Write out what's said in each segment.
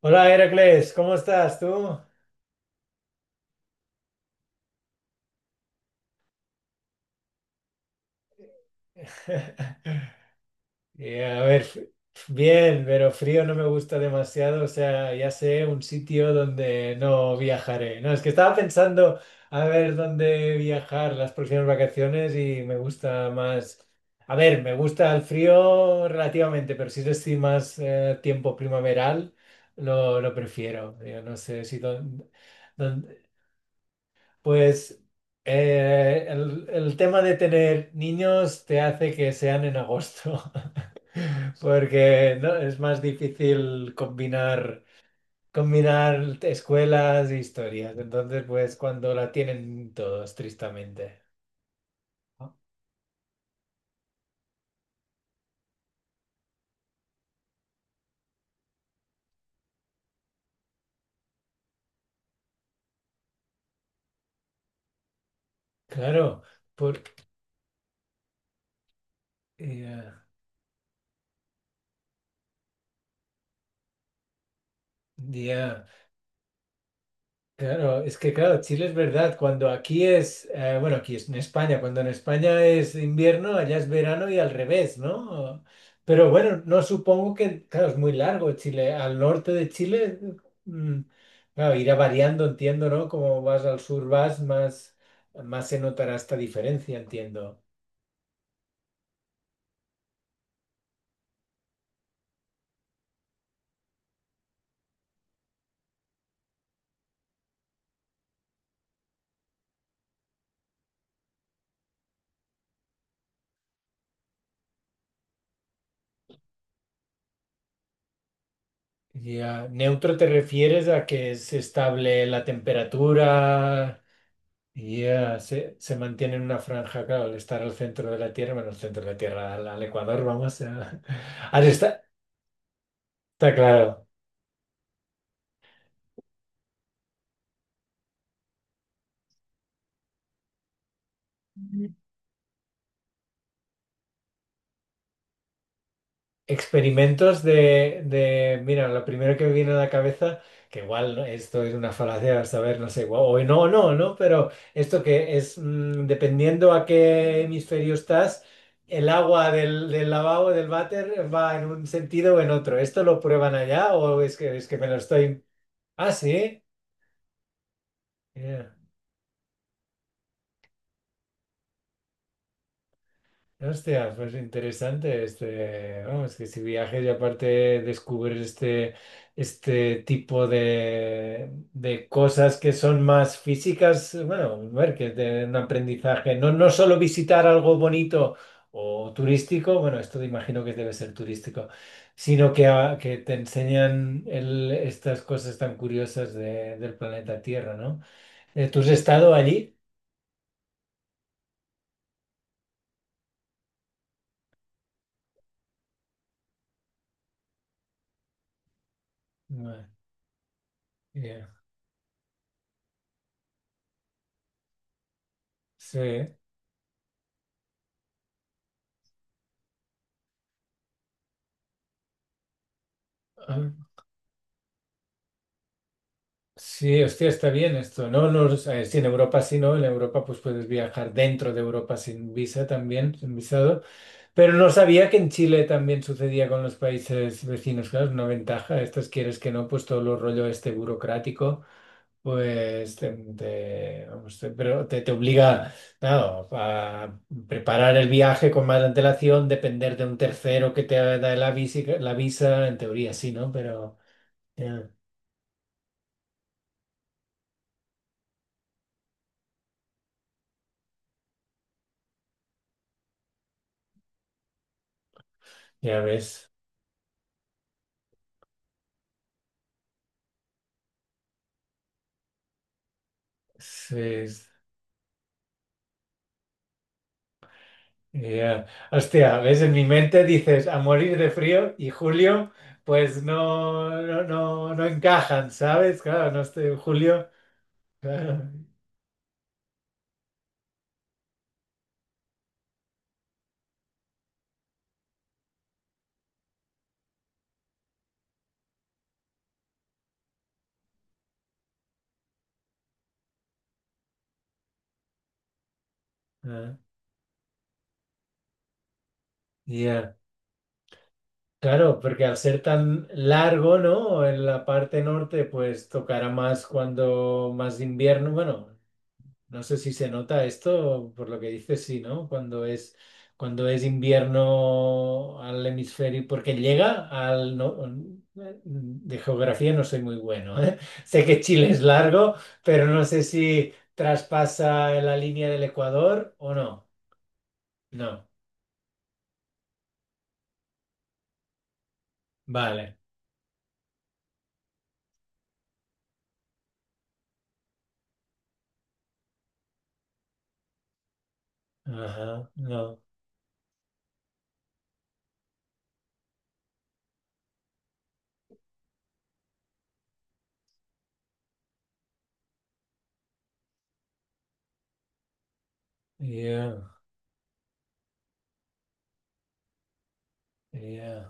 Hola Heracles, ¿cómo estás tú? A ver, bien, pero frío no me gusta demasiado, o sea, ya sé un sitio donde no viajaré. No, es que estaba pensando a ver dónde viajar las próximas vacaciones y me gusta más. A ver, me gusta el frío relativamente, pero si es así más tiempo primaveral, lo prefiero. Yo no sé si dónde. Pues el tema de tener niños te hace que sean en agosto, porque no, es más difícil combinar, escuelas e historias. Entonces, pues cuando la tienen todos, tristemente. ¿No? Claro, por, ya, ya. Claro, es que claro, Chile es verdad, cuando aquí es, bueno, aquí es en España, cuando en España es invierno, allá es verano y al revés, ¿no? Pero bueno, no supongo que, claro, es muy largo Chile, al norte de Chile, mm, claro, irá variando, entiendo, ¿no? Como vas al sur vas, más se notará esta diferencia, entiendo. Ya, neutro te refieres a que es estable la temperatura. Y se mantiene en una franja, claro, al estar al centro de la Tierra, bueno, al centro de la Tierra, al Ecuador, vamos, al estar, está claro. Experimentos mira, lo primero que me viene a la cabeza, que igual ¿no? esto es una falacia, a saber, no sé, guau, o no, no, no, pero esto que es, dependiendo a qué hemisferio estás, el agua del lavabo, del váter, va en un sentido o en otro. ¿Esto lo prueban allá o es que me lo estoy? Ah, sí. Yeah. Hostia, pues interesante este, vamos, que si viajes y aparte descubres este tipo de cosas que son más físicas, bueno, a ver que es de un aprendizaje, no, no solo visitar algo bonito o turístico, bueno, esto imagino que debe ser turístico, sino que, que te enseñan estas cosas tan curiosas del planeta Tierra, ¿no? ¿Tú has estado allí? Ah, ya. Sí. Sí, hostia, está bien esto, ¿no? No, o sea, sí, en Europa sí, ¿no? En Europa pues puedes viajar dentro de Europa sin visa también, sin visado. Pero no sabía que en Chile también sucedía con los países vecinos, claro, es una ventaja. Estos quieres que no, pues todo lo rollo este burocrático, pues vamos, pero te obliga, claro, a preparar el viaje con más antelación, depender de un tercero que te da la visa, en teoría sí, ¿no? Pero ya, ya ves. Sí. Ya, hostia, ves, en mi mente dices a morir de frío y julio, pues no, no, no, no encajan, ¿sabes? Claro, no estoy en julio. Claro, ah, ya. Claro, porque al ser tan largo, ¿no? En la parte norte, pues tocará más cuando más invierno, bueno. No sé si se nota esto, por lo que dices, sí, ¿no? Cuando es invierno al hemisferio, porque llega al. No. De geografía no soy muy bueno, ¿eh? Sé que Chile es largo, pero no sé si traspasa la línea del Ecuador o no. No. Vale. Ajá, no. Yeah, yeah.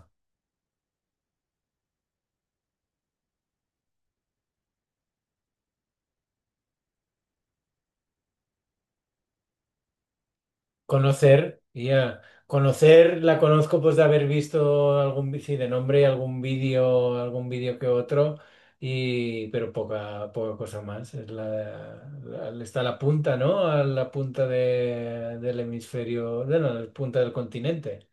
Conocer, ya. Conocer, la conozco pues de haber visto algún sí, de nombre y algún vídeo que otro, y pero poca, poca cosa más. Es está a la punta, ¿no? A la punta del hemisferio, bueno, la punta del continente.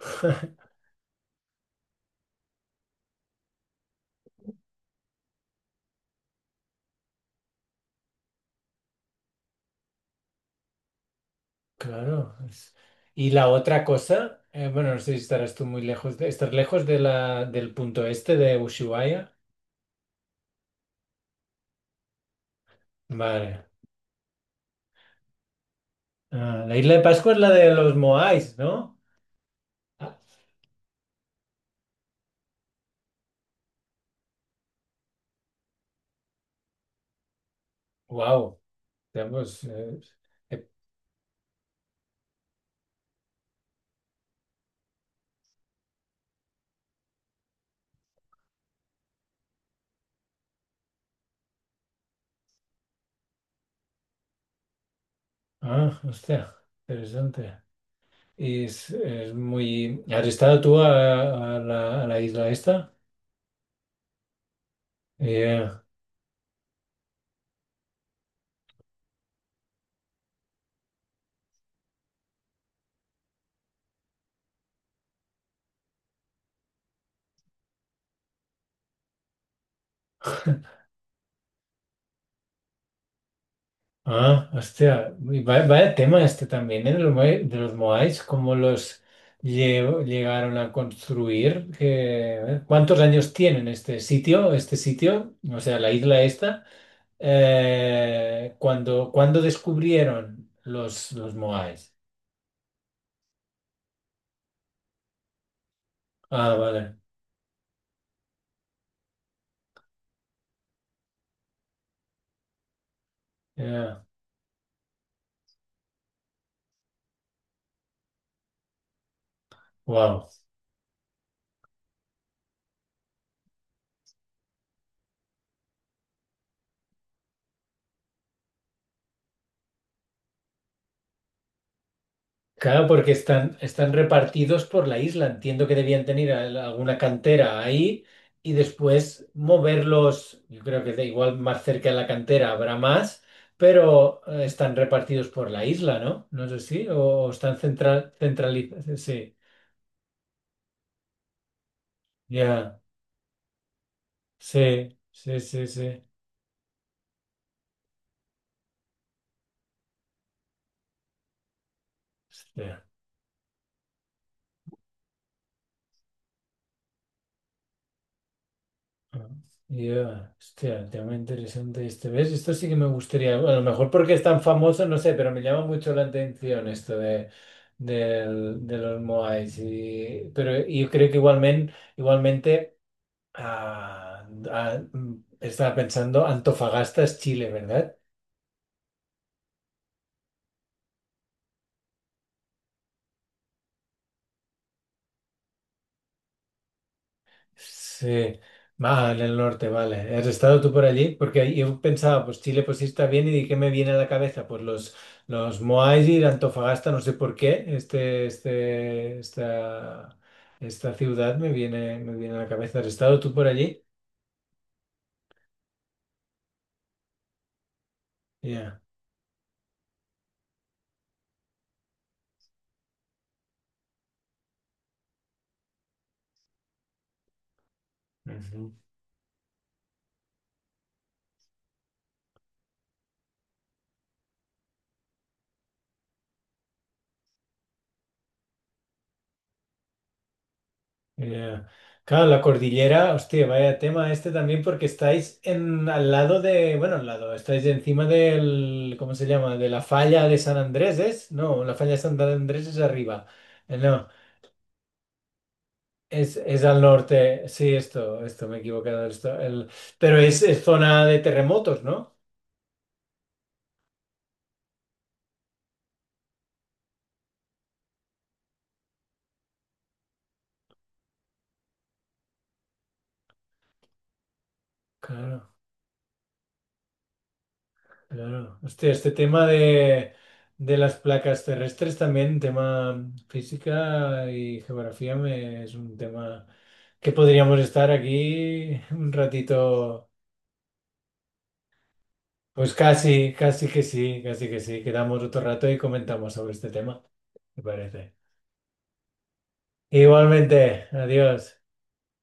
Claro. Y la otra cosa, bueno, no sé si estarás tú muy lejos de, estás lejos del punto este de Ushuaia. Vale. Ah, la isla de Pascua es la de los Moais, ¿no? Ah, wow, pues, eh, ah, hostia, interesante. Y es muy. ¿Has estado tú a la isla esta? Eh, ah, hostia, y vaya, tema este también, ¿eh? De los Moais, cómo los llegaron a construir. ¿Cuántos años tienen este sitio, este sitio? O sea, la isla esta. Cuando descubrieron los Moais. Ah, vale. Ya. Wow. Claro, porque están repartidos por la isla. Entiendo que debían tener alguna cantera ahí y después moverlos. Yo creo que da igual, más cerca de la cantera habrá más, pero están repartidos por la isla, ¿no? No sé si, o están centralizados. Sí, ya. Sí, sí, sí, sí. Hostia. Ah, ya, hostia, tema interesante este. ¿Ves? Esto sí que me gustaría. A lo mejor porque es tan famoso, no sé, pero me llama mucho la atención esto de los Moais. Y, pero yo creo que igualmente, igualmente ah, estaba pensando, Antofagasta es Chile, ¿verdad? Sí, vale, el norte, vale. ¿Has estado tú por allí? Porque yo pensaba, pues Chile, pues sí está bien, y di, ¿qué me viene a la cabeza? Pues los Moais y la Antofagasta, no sé por qué, esta ciudad me viene a la cabeza. ¿Has estado tú por allí? Ya. Ujú. Ya. Claro, la cordillera, hostia, vaya tema este también porque estáis en al lado de, bueno, al lado, estáis encima del, ¿cómo se llama? De la falla de San Andrés, ¿es? No, la falla de San Andrés es arriba. No, es al norte. Sí, esto, me he equivocado. Pero es zona de terremotos, ¿no? Claro. Claro. Hostia, este tema de las placas terrestres también, tema física y geografía, es un tema que podríamos estar aquí un ratito. Pues casi, casi que sí, casi que sí. Quedamos otro rato y comentamos sobre este tema, me parece. Igualmente, adiós.